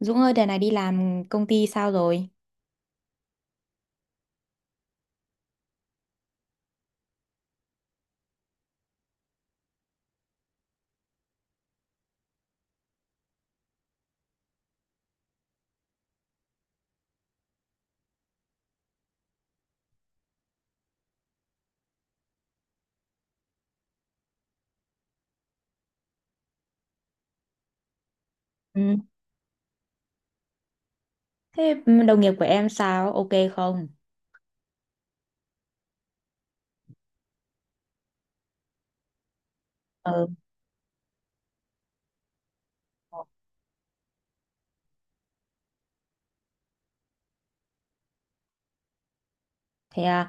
Dũng ơi, đợt này đi làm công ty sao rồi? Ừ. Thế đồng nghiệp của em sao? Ok không? Ờ. Thế à,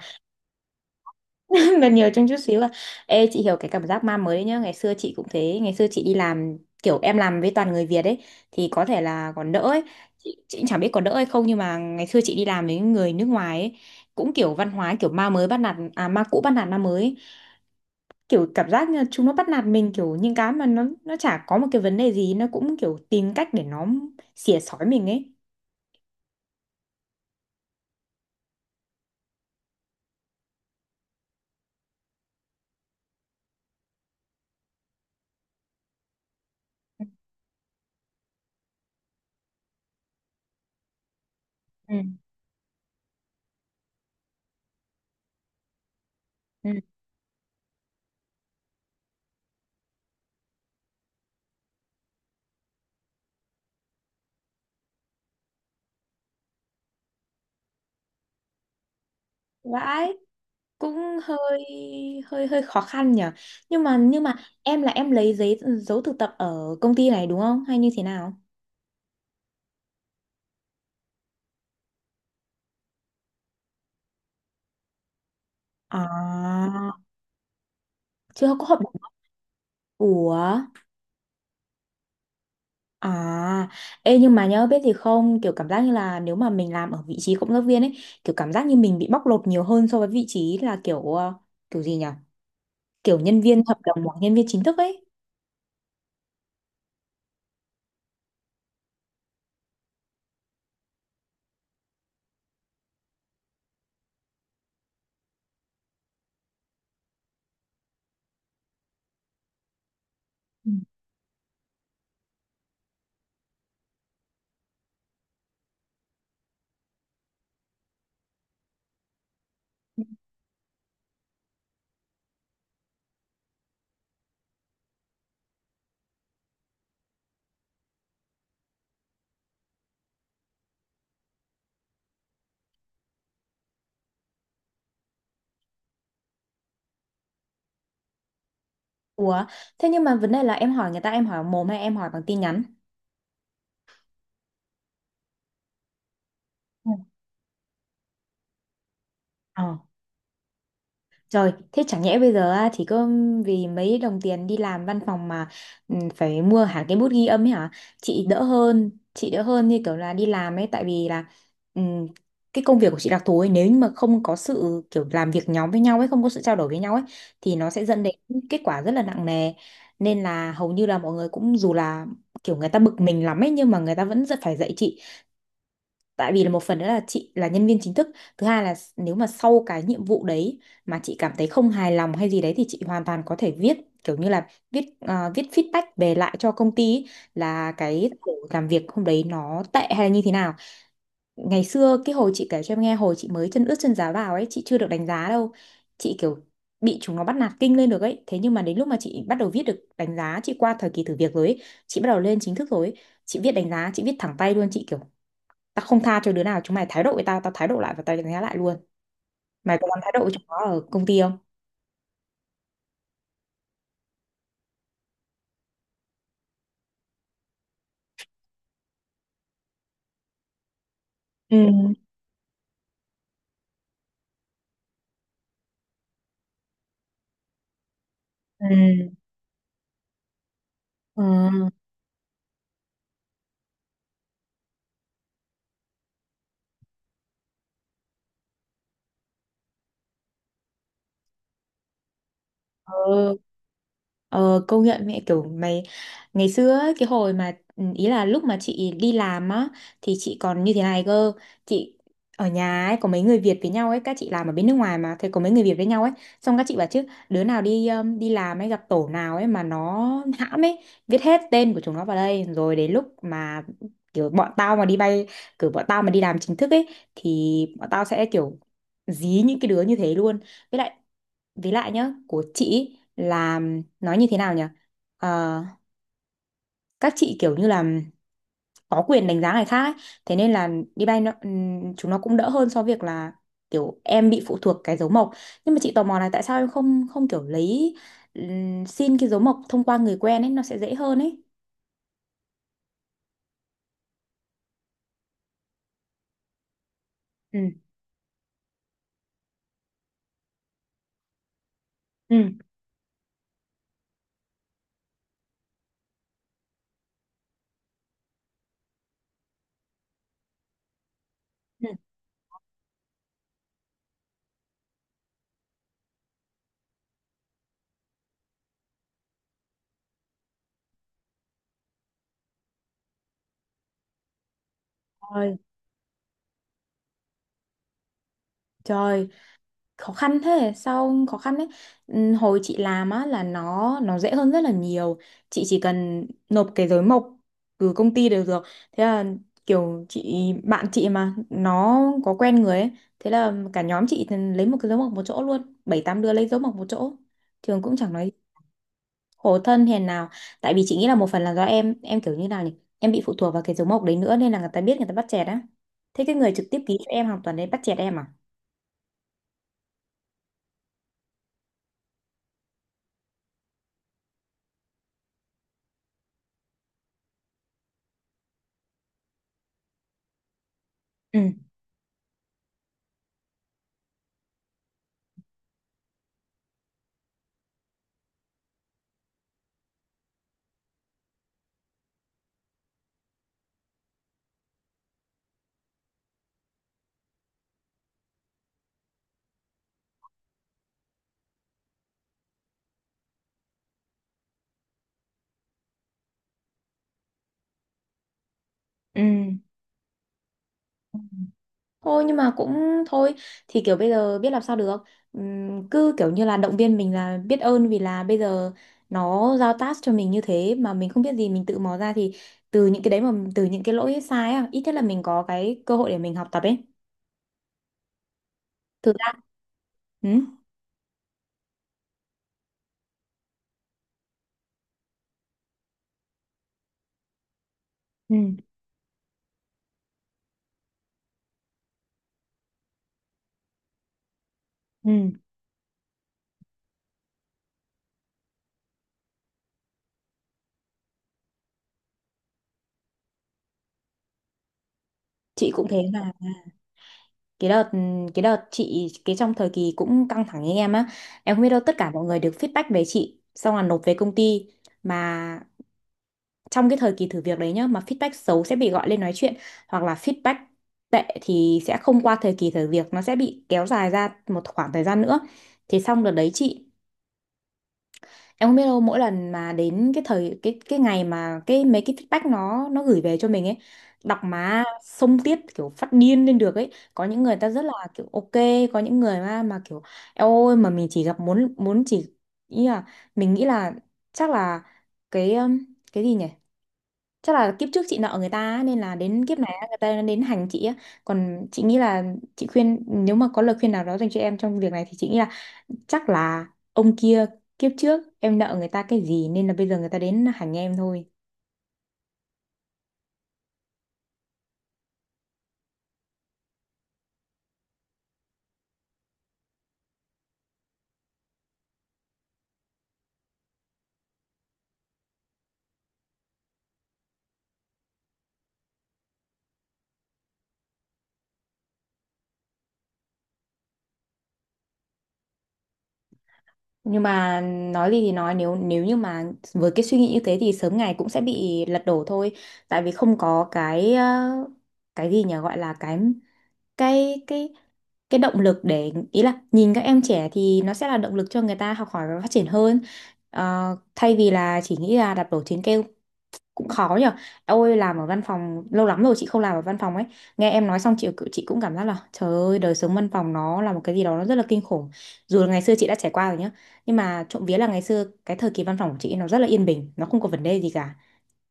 gần nhiều trong chút xíu à. Ê, chị hiểu cái cảm giác ma mới nhá. Ngày xưa chị cũng thế. Ngày xưa chị đi làm, kiểu em làm với toàn người Việt ấy, thì có thể là còn đỡ ấy. Chị cũng chẳng biết có đỡ hay không, nhưng mà ngày xưa chị đi làm với người nước ngoài ấy, cũng kiểu văn hóa, kiểu ma mới bắt nạt, à ma cũ bắt nạt ma mới ấy. Kiểu cảm giác như là chúng nó bắt nạt mình, kiểu những cái mà nó chả có một cái vấn đề gì, nó cũng kiểu tìm cách để nó xỉa xói mình ấy. Ừ. Ừ. Vãi, cũng hơi hơi hơi khó khăn nhở. Nhưng mà em là em lấy giấy dấu thực tập ở công ty này đúng không, hay như thế nào? À, chưa có hợp đồng. Ủa, à. Ê, nhưng mà nhớ biết gì không, kiểu cảm giác như là nếu mà mình làm ở vị trí cộng tác viên ấy, kiểu cảm giác như mình bị bóc lột nhiều hơn so với vị trí là kiểu kiểu gì nhỉ, kiểu nhân viên hợp đồng hoặc nhân viên chính thức ấy. Ừ. Ủa, thế nhưng mà vấn đề là em hỏi người ta, em hỏi mồm hay em hỏi bằng tin nhắn? Ừ. Ờ. Trời, thế chẳng nhẽ bây giờ á, chỉ có vì mấy đồng tiền đi làm văn phòng mà ừ, phải mua hẳn cái bút ghi âm ấy hả? Chị đỡ hơn như kiểu là đi làm ấy, tại vì là ừ, cái công việc của chị đặc thù ấy, nếu như mà không có sự kiểu làm việc nhóm với nhau ấy, không có sự trao đổi với nhau ấy thì nó sẽ dẫn đến kết quả rất là nặng nề. Nên là hầu như là mọi người cũng dù là kiểu người ta bực mình lắm ấy, nhưng mà người ta vẫn rất phải dạy chị, tại vì là một phần nữa là chị là nhân viên chính thức, thứ hai là nếu mà sau cái nhiệm vụ đấy mà chị cảm thấy không hài lòng hay gì đấy thì chị hoàn toàn có thể viết, kiểu như là viết viết feedback về lại cho công ty ý, là cái tổ làm việc hôm đấy nó tệ hay là như thế nào. Ngày xưa cái hồi chị kể cho em nghe, hồi chị mới chân ướt chân ráo vào ấy, chị chưa được đánh giá đâu, chị kiểu bị chúng nó bắt nạt kinh lên được ấy, thế nhưng mà đến lúc mà chị bắt đầu viết được đánh giá, chị qua thời kỳ thử việc rồi ấy, chị bắt đầu lên chính thức rồi ấy, chị viết đánh giá chị viết thẳng tay luôn, chị kiểu tao không tha cho đứa nào, chúng mày thái độ với tao tao thái độ lại và tao đánh giá lại luôn. Mày có dám thái độ với chúng nó ở công ty không? Ừ. Ừ. Ừ. Ừ. Ờ, công nhận mẹ kiểu mày. Ngày xưa ấy, cái hồi mà ừ, ý là lúc mà chị đi làm á thì chị còn như thế này cơ, chị ở nhà ấy có mấy người Việt với nhau ấy, các chị làm ở bên nước ngoài mà thì có mấy người Việt với nhau ấy, xong các chị bảo chứ đứa nào đi đi làm ấy gặp tổ nào ấy mà nó hãm ấy, viết hết tên của chúng nó vào đây, rồi đến lúc mà kiểu bọn tao mà đi bay, kiểu bọn tao mà đi làm chính thức ấy, thì bọn tao sẽ kiểu dí những cái đứa như thế luôn. Với lại với lại nhá, của chị ý là nói như thế nào nhỉ? Ờ, các chị kiểu như là có quyền đánh giá người khác ấy. Thế nên là đi bay nó, chúng nó cũng đỡ hơn so với việc là kiểu em bị phụ thuộc cái dấu mộc. Nhưng mà chị tò mò là tại sao em không không kiểu lấy xin cái dấu mộc thông qua người quen ấy, nó sẽ dễ hơn ấy. Ừ. Ừ. Ừ. Trời, trời. Khó khăn thế, sao khó khăn đấy. Hồi chị làm á là nó dễ hơn rất là nhiều, chị chỉ cần nộp cái giấy mộc từ công ty đều được, thế là kiểu chị, bạn chị mà nó có quen người ấy, thế là cả nhóm chị thì lấy một cái dấu mộc một chỗ luôn, bảy tám đứa lấy dấu mộc một chỗ, trường cũng chẳng nói. Khổ thân, hèn nào. Tại vì chị nghĩ là một phần là do em kiểu như nào nhỉ, em bị phụ thuộc vào cái dấu mộc đấy nữa nên là người ta biết, người ta bắt chẹt á. Thế cái người trực tiếp ký cho em hoàn toàn đấy bắt chẹt em à? Ừ. Ừ. Thôi nhưng mà cũng thôi, thì kiểu bây giờ biết làm sao được. Cứ kiểu như là động viên mình là biết ơn, vì là bây giờ nó giao task cho mình như thế mà mình không biết gì, mình tự mò ra thì từ những cái đấy, mà từ những cái lỗi sai á, ít nhất là mình có cái cơ hội để mình học tập ấy, thực ra. Ừ. Ừ. Ừ. Chị cũng thế mà. Cái đợt cái đợt chị, cái trong thời kỳ cũng căng thẳng như em á, em không biết đâu, tất cả mọi người được feedback về chị xong là nộp về công ty mà, trong cái thời kỳ thử việc đấy nhá, mà feedback xấu sẽ bị gọi lên nói chuyện, hoặc là feedback tệ thì sẽ không qua thời kỳ thử việc, nó sẽ bị kéo dài ra một khoảng thời gian nữa. Thì xong đợt đấy chị, em không biết đâu, mỗi lần mà đến cái thời, cái ngày mà cái mấy cái feedback nó gửi về cho mình ấy, đọc má xông tiết, kiểu phát điên lên được ấy. Có những người ta rất là kiểu ok, có những người mà kiểu "Eo ôi mà mình chỉ gặp", muốn muốn chỉ, ý là mình nghĩ là chắc là cái um, cái gì nhỉ, chắc là kiếp trước chị nợ người ta á, nên là đến kiếp này á, người ta đến hành chị á. Còn chị nghĩ là, chị khuyên nếu mà có lời khuyên nào đó dành cho em trong việc này thì chị nghĩ là chắc là ông kia, kiếp trước em nợ người ta cái gì nên là bây giờ người ta đến hành em thôi. Nhưng mà nói gì thì nói, nếu nếu như mà với cái suy nghĩ như thế thì sớm ngày cũng sẽ bị lật đổ thôi, tại vì không có cái cái gì nhỉ, gọi là cái cái cái động lực để, ý là nhìn các em trẻ thì nó sẽ là động lực cho người ta học hỏi và phát triển hơn. Ờ, thay vì là chỉ nghĩ là đạp đổ chính kêu. Cũng khó nhở. Ôi làm ở văn phòng lâu lắm rồi chị không làm ở văn phòng ấy, nghe em nói xong chị cũng cảm giác là trời ơi đời sống văn phòng nó là một cái gì đó nó rất là kinh khủng, dù là ngày xưa chị đã trải qua rồi nhá, nhưng mà trộm vía là ngày xưa cái thời kỳ văn phòng của chị nó rất là yên bình, nó không có vấn đề gì cả,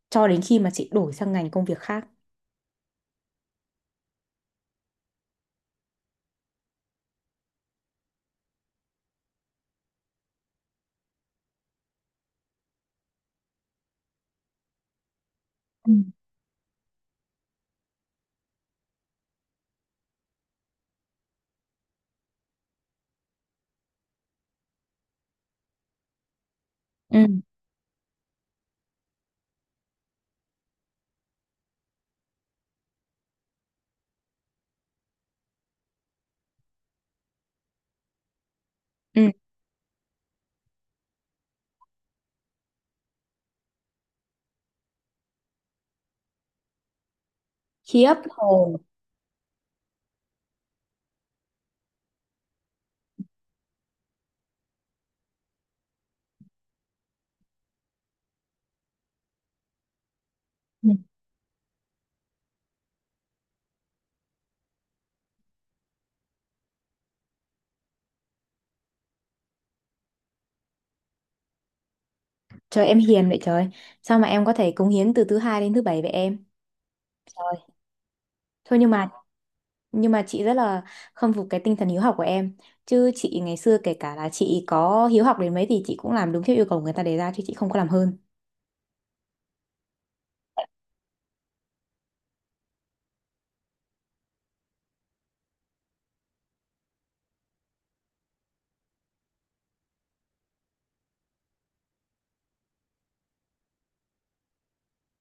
cho đến khi mà chị đổi sang ngành công việc khác. Ừ. Ừ. Ừ. Khiếp hồn. Trời em hiền vậy trời. Sao mà em có thể cống hiến từ thứ hai đến thứ bảy vậy em? Trời. Thôi nhưng mà, nhưng mà chị rất là khâm phục cái tinh thần hiếu học của em. Chứ chị ngày xưa kể cả là chị có hiếu học đến mấy thì chị cũng làm đúng theo yêu cầu người ta đề ra, chứ chị không có làm hơn.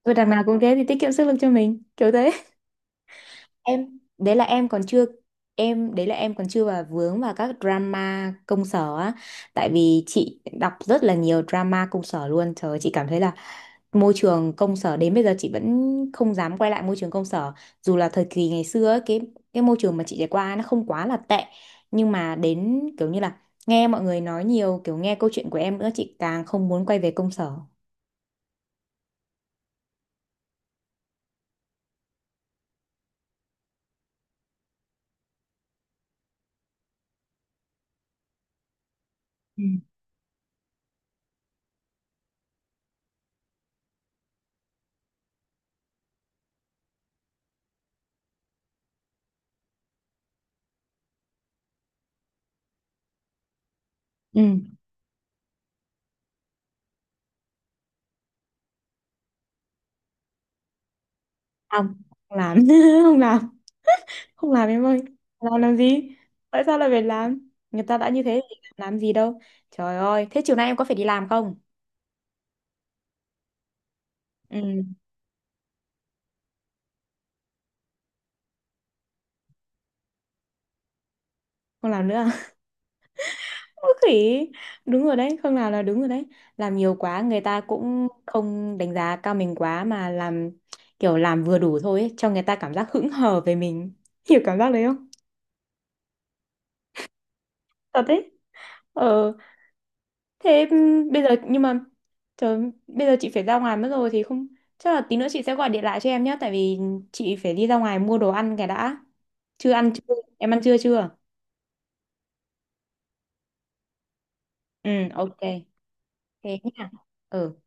Và đằng nào cũng thế thì tiết kiệm sức lực cho mình, kiểu thế. Em đấy là em còn chưa em đấy là em còn chưa vào vướng vào các drama công sở á, tại vì chị đọc rất là nhiều drama công sở luôn, trời ơi, chị cảm thấy là môi trường công sở đến bây giờ chị vẫn không dám quay lại môi trường công sở, dù là thời kỳ ngày xưa ấy, cái môi trường mà chị trải qua nó không quá là tệ, nhưng mà đến kiểu như là nghe mọi người nói nhiều, kiểu nghe câu chuyện của em nữa, chị càng không muốn quay về công sở. Ừ. Ừ. Không, không làm không làm, không làm em ơi. Làm gì, tại sao lại phải làm, người ta đã như thế thì làm gì đâu. Trời ơi thế chiều nay em có phải đi làm không? Ừ, không làm nữa. Khỉ, đúng rồi đấy Khương, nào là đúng rồi đấy, làm nhiều quá người ta cũng không đánh giá cao mình quá mà làm, kiểu làm vừa đủ thôi ấy, cho người ta cảm giác hững hờ về mình. Hiểu cảm giác đấy không? Thật đấy. Ờ. Thế bây giờ nhưng mà, trời, bây giờ chị phải ra ngoài mất rồi thì không, chắc là tí nữa chị sẽ gọi điện lại cho em nhé, tại vì chị phải đi ra ngoài mua đồ ăn cái đã. Chưa ăn chưa, em ăn trưa chưa? Ừ ok, thế nhá. Ừ.